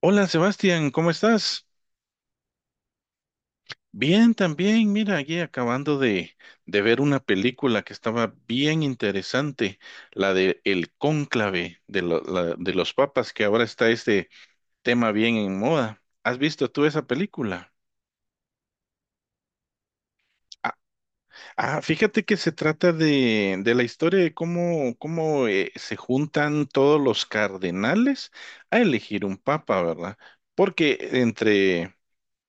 Hola Sebastián, ¿cómo estás? Bien, también. Mira, aquí acabando de ver una película que estaba bien interesante, la de El Cónclave de los papas, que ahora está este tema bien en moda. ¿Has visto tú esa película? Ah, ah, fíjate que se trata de la historia de cómo se juntan todos los cardenales a elegir un papa, ¿verdad? Porque entre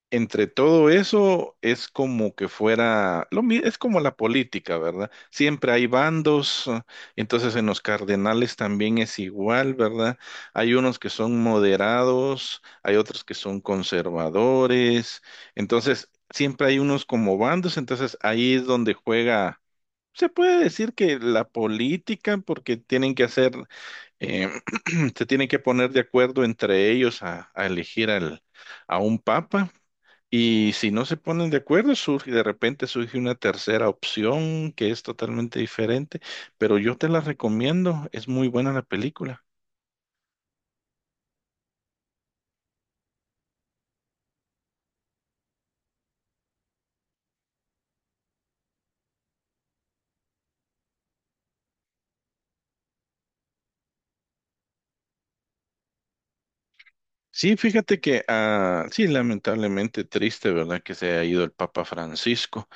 entre todo eso es como que fuera, es como la política, ¿verdad? Siempre hay bandos, entonces en los cardenales también es igual, ¿verdad? Hay unos que son moderados, hay otros que son conservadores, entonces siempre hay unos como bandos, entonces ahí es donde juega. Se puede decir que la política, porque tienen que hacer, eh, se tienen que poner de acuerdo entre ellos a elegir a un papa. Y si no se ponen de acuerdo, surge, de repente surge una tercera opción que es totalmente diferente, pero yo te la recomiendo, es muy buena la película. Sí, fíjate que, sí, lamentablemente triste, ¿verdad? Que se ha ido el Papa Francisco,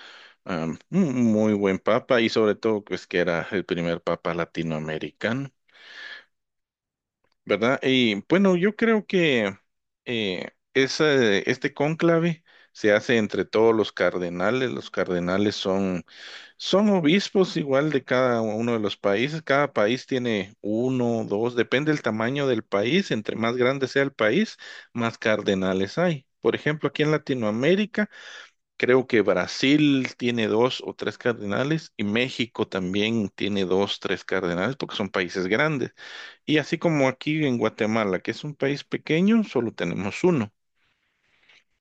un muy buen papa y sobre todo pues que era el primer papa latinoamericano. ¿Verdad? Y bueno, yo creo que este cónclave se hace entre todos los cardenales. Los cardenales son obispos igual de cada uno de los países. Cada país tiene uno, dos, depende del tamaño del país. Entre más grande sea el país, más cardenales hay. Por ejemplo, aquí en Latinoamérica. Creo que Brasil tiene dos o tres cardenales y México también tiene dos, tres cardenales porque son países grandes. Y así como aquí en Guatemala, que es un país pequeño, solo tenemos uno.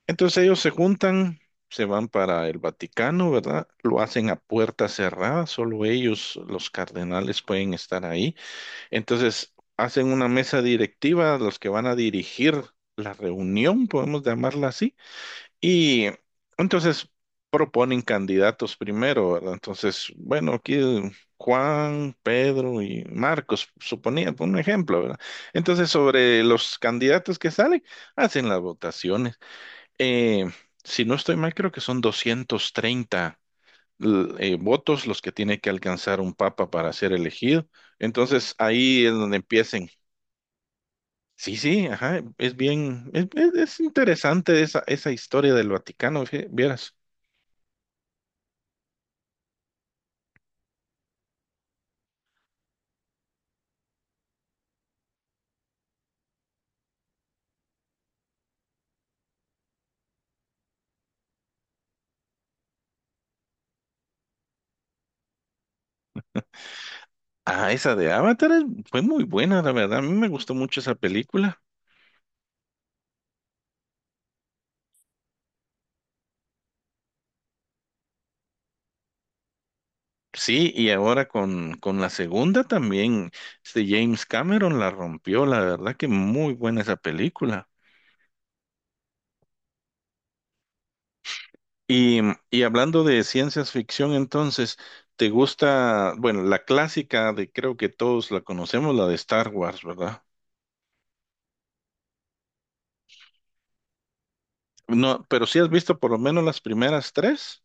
Entonces ellos se juntan, se van para el Vaticano, ¿verdad? Lo hacen a puerta cerrada, solo ellos, los cardenales, pueden estar ahí. Entonces hacen una mesa directiva, los que van a dirigir la reunión, podemos llamarla así y entonces proponen candidatos primero, ¿verdad? Entonces, bueno, aquí Juan, Pedro y Marcos, suponía, por un ejemplo, ¿verdad? Entonces, sobre los candidatos que salen, hacen las votaciones. Eh, si no estoy mal, creo que son 230 votos los que tiene que alcanzar un papa para ser elegido. Entonces, ahí es donde empiecen. Sí, sí, ajá, es bien, es interesante esa historia del Vaticano, vieras. Ah, esa de Avatar fue muy buena, la verdad. A mí me gustó mucho esa película. Sí, y ahora con la segunda también, este James Cameron la rompió, la verdad que muy buena esa película. Y, y hablando de ciencias ficción, entonces, te gusta, bueno, la clásica de creo que todos la conocemos, la de Star Wars, ¿verdad? No, pero sí has visto por lo menos las primeras tres.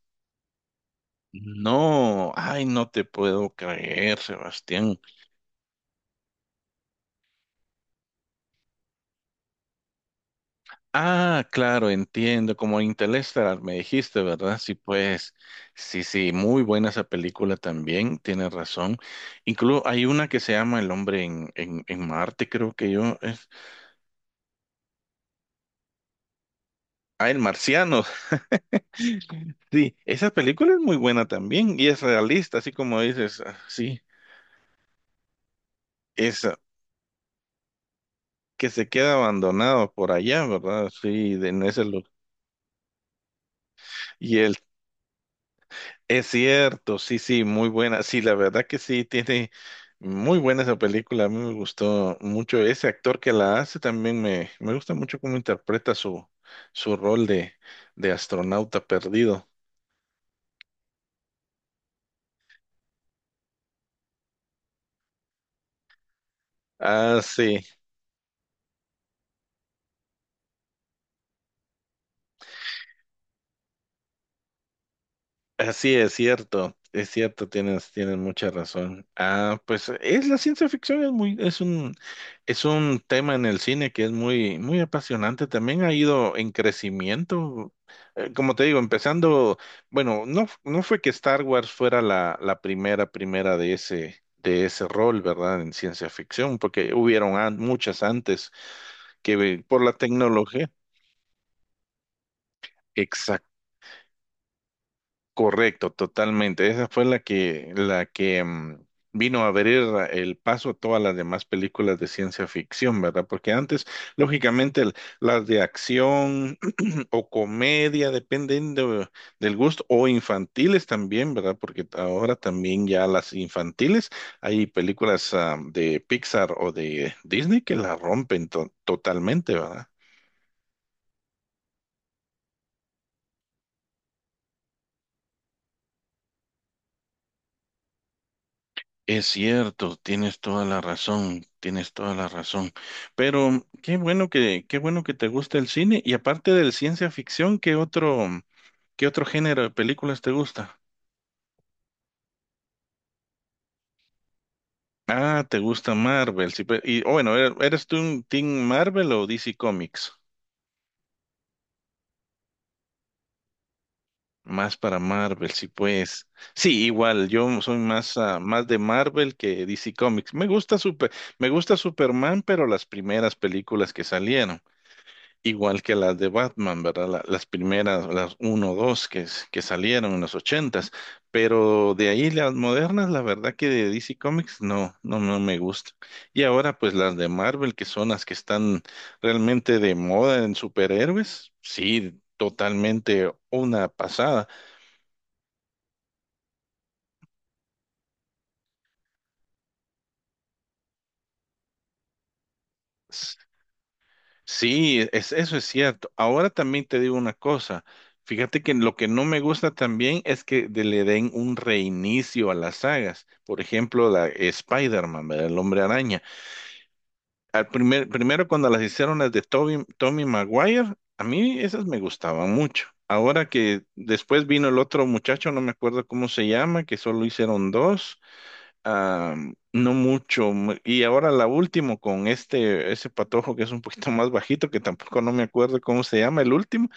No, ay, no te puedo creer, Sebastián. Ah, claro, entiendo, como Interstellar me dijiste, ¿verdad? Sí, pues, sí, sí, muy buena esa película también, tienes razón. Incluso hay una que se llama El hombre en Marte, creo que yo, es. Ah, El Marciano, sí, esa película es muy buena también y es realista, así como dices, sí, esa, que se queda abandonado por allá, ¿verdad? Sí, en ese lugar. Es cierto, sí, sí, muy buena. Sí, la verdad que sí, tiene muy buena esa película. A mí me gustó mucho ese actor que la hace. También me gusta mucho cómo interpreta su rol de astronauta perdido. Ah, sí. Así es cierto, tienes mucha razón. Ah, pues es la ciencia ficción es muy, es un tema en el cine que es muy, muy apasionante. También ha ido en crecimiento. Como te digo, empezando, bueno, no, no fue que Star Wars fuera la primera de ese rol, ¿verdad? En ciencia ficción, porque hubieron muchas antes por la tecnología. Correcto, totalmente. Esa fue la que vino a abrir el paso a todas las demás películas de ciencia ficción, ¿verdad? Porque antes, lógicamente, las de acción o comedia, dependiendo del gusto, o infantiles también, ¿verdad? Porque ahora también ya las infantiles, hay películas de Pixar o de Disney que la rompen totalmente, ¿verdad? Es cierto, tienes toda la razón, tienes toda la razón. Pero qué bueno que te gusta el cine. Y aparte del ciencia ficción, qué otro género de películas te gusta? Ah, te gusta Marvel. Sí, y oh, bueno, ¿eres tú un Team Marvel o DC Comics? Más para Marvel, sí, pues. Sí, igual, yo soy más de Marvel que DC Comics. Me gusta me gusta Superman, pero las primeras películas que salieron. Igual que las de Batman, ¿verdad? Las primeras, las uno 2 que salieron en los ochentas, pero de ahí las modernas, la verdad que de DC Comics no, no, no me gusta. Y ahora pues las de Marvel, que son las que están realmente de moda en superhéroes, sí, totalmente una pasada. Sí, eso es cierto. Ahora también te digo una cosa. Fíjate que lo que no me gusta también es que le den un reinicio a las sagas. Por ejemplo, la Spider-Man, ¿verdad? El Hombre Araña. Al primero cuando las hicieron las de Tobey, Tommy Maguire, a mí esas me gustaban mucho. Ahora que después vino el otro muchacho, no me acuerdo cómo se llama, que solo hicieron dos. Ah, no mucho. Y ahora la última con ese patojo que es un poquito más bajito, que tampoco no me acuerdo cómo se llama el último.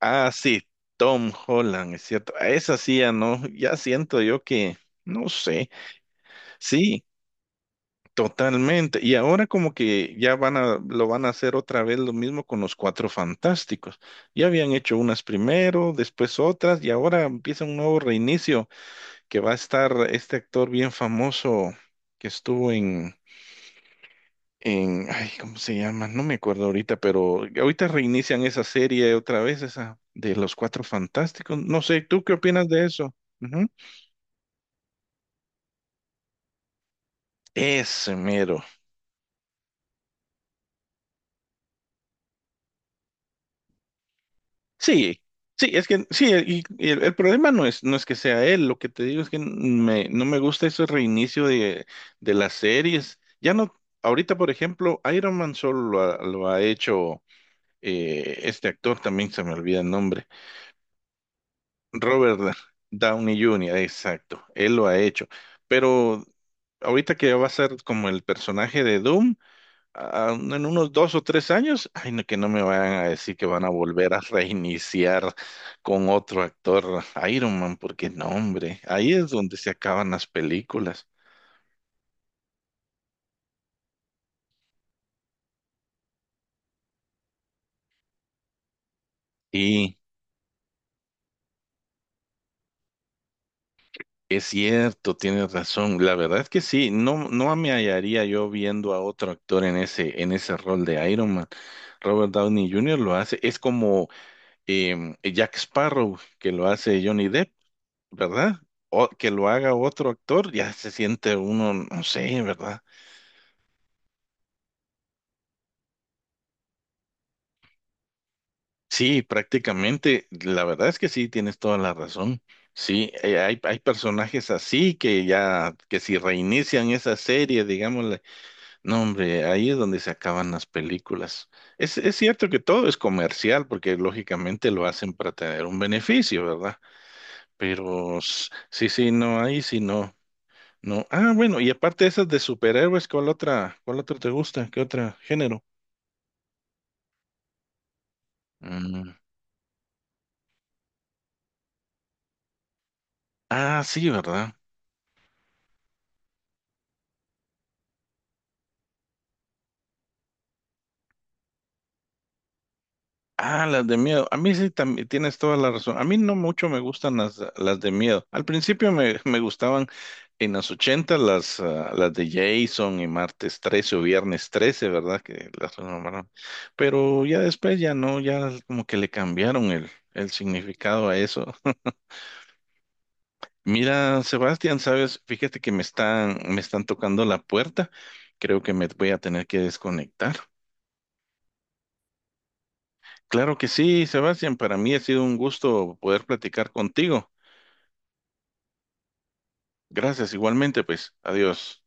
Ah, sí, Tom Holland, es cierto. A esa sí ya no, ya siento yo que, no sé, sí, totalmente. Y ahora como que ya lo van a hacer otra vez lo mismo con los Cuatro Fantásticos. Ya habían hecho unas primero, después otras, y ahora empieza un nuevo reinicio que va a estar este actor bien famoso que estuvo en ay, ¿cómo se llama? No me acuerdo ahorita, pero ahorita reinician esa serie otra vez, esa de los Cuatro Fantásticos. No sé, ¿tú qué opinas de eso? Ujú. Ese mero. Sí, sí, es que sí, y el problema no es que sea él, lo que te digo es que no me gusta ese reinicio de las series. Ya no, ahorita, por ejemplo, Iron Man solo lo ha hecho este actor, también se me olvida el nombre. Robert Downey Jr., exacto, él lo ha hecho. Pero ahorita que va a ser como el personaje de Doom, en unos dos o tres años, ay, no, que no me vayan a decir que van a volver a reiniciar con otro actor Iron Man, porque no, hombre, ahí es donde se acaban las películas. Y es cierto, tienes razón, la verdad es que sí, no, no me hallaría yo viendo a otro actor en en ese rol de Iron Man. Robert Downey Jr. lo hace, es como Jack Sparrow, que lo hace Johnny Depp, ¿verdad? O que lo haga otro actor, ya se siente uno, no sé, ¿verdad? Sí, prácticamente, la verdad es que sí, tienes toda la razón. Sí, hay personajes así que ya, que si reinician esa serie, digámosle, no, hombre, ahí es donde se acaban las películas. Es cierto que todo es comercial, porque lógicamente lo hacen para tener un beneficio, ¿verdad? Pero sí, sí, no, ahí sí no. No. Ah, bueno, y aparte de esas de superhéroes, cuál otra te gusta? ¿Qué otro género? Mm. Ah, sí, ¿verdad? Ah, las de miedo. A mí sí también tienes toda la razón. A mí no mucho me gustan las de miedo. Al principio me gustaban en los 80 las de Jason y martes 13 o viernes 13, ¿verdad? Que las renombraron. Pero ya después ya no, ya como que le cambiaron el significado a eso. Mira, Sebastián, sabes, fíjate que me están tocando la puerta. Creo que me voy a tener que desconectar. Claro que sí, Sebastián, para mí ha sido un gusto poder platicar contigo. Gracias, igualmente, pues, adiós.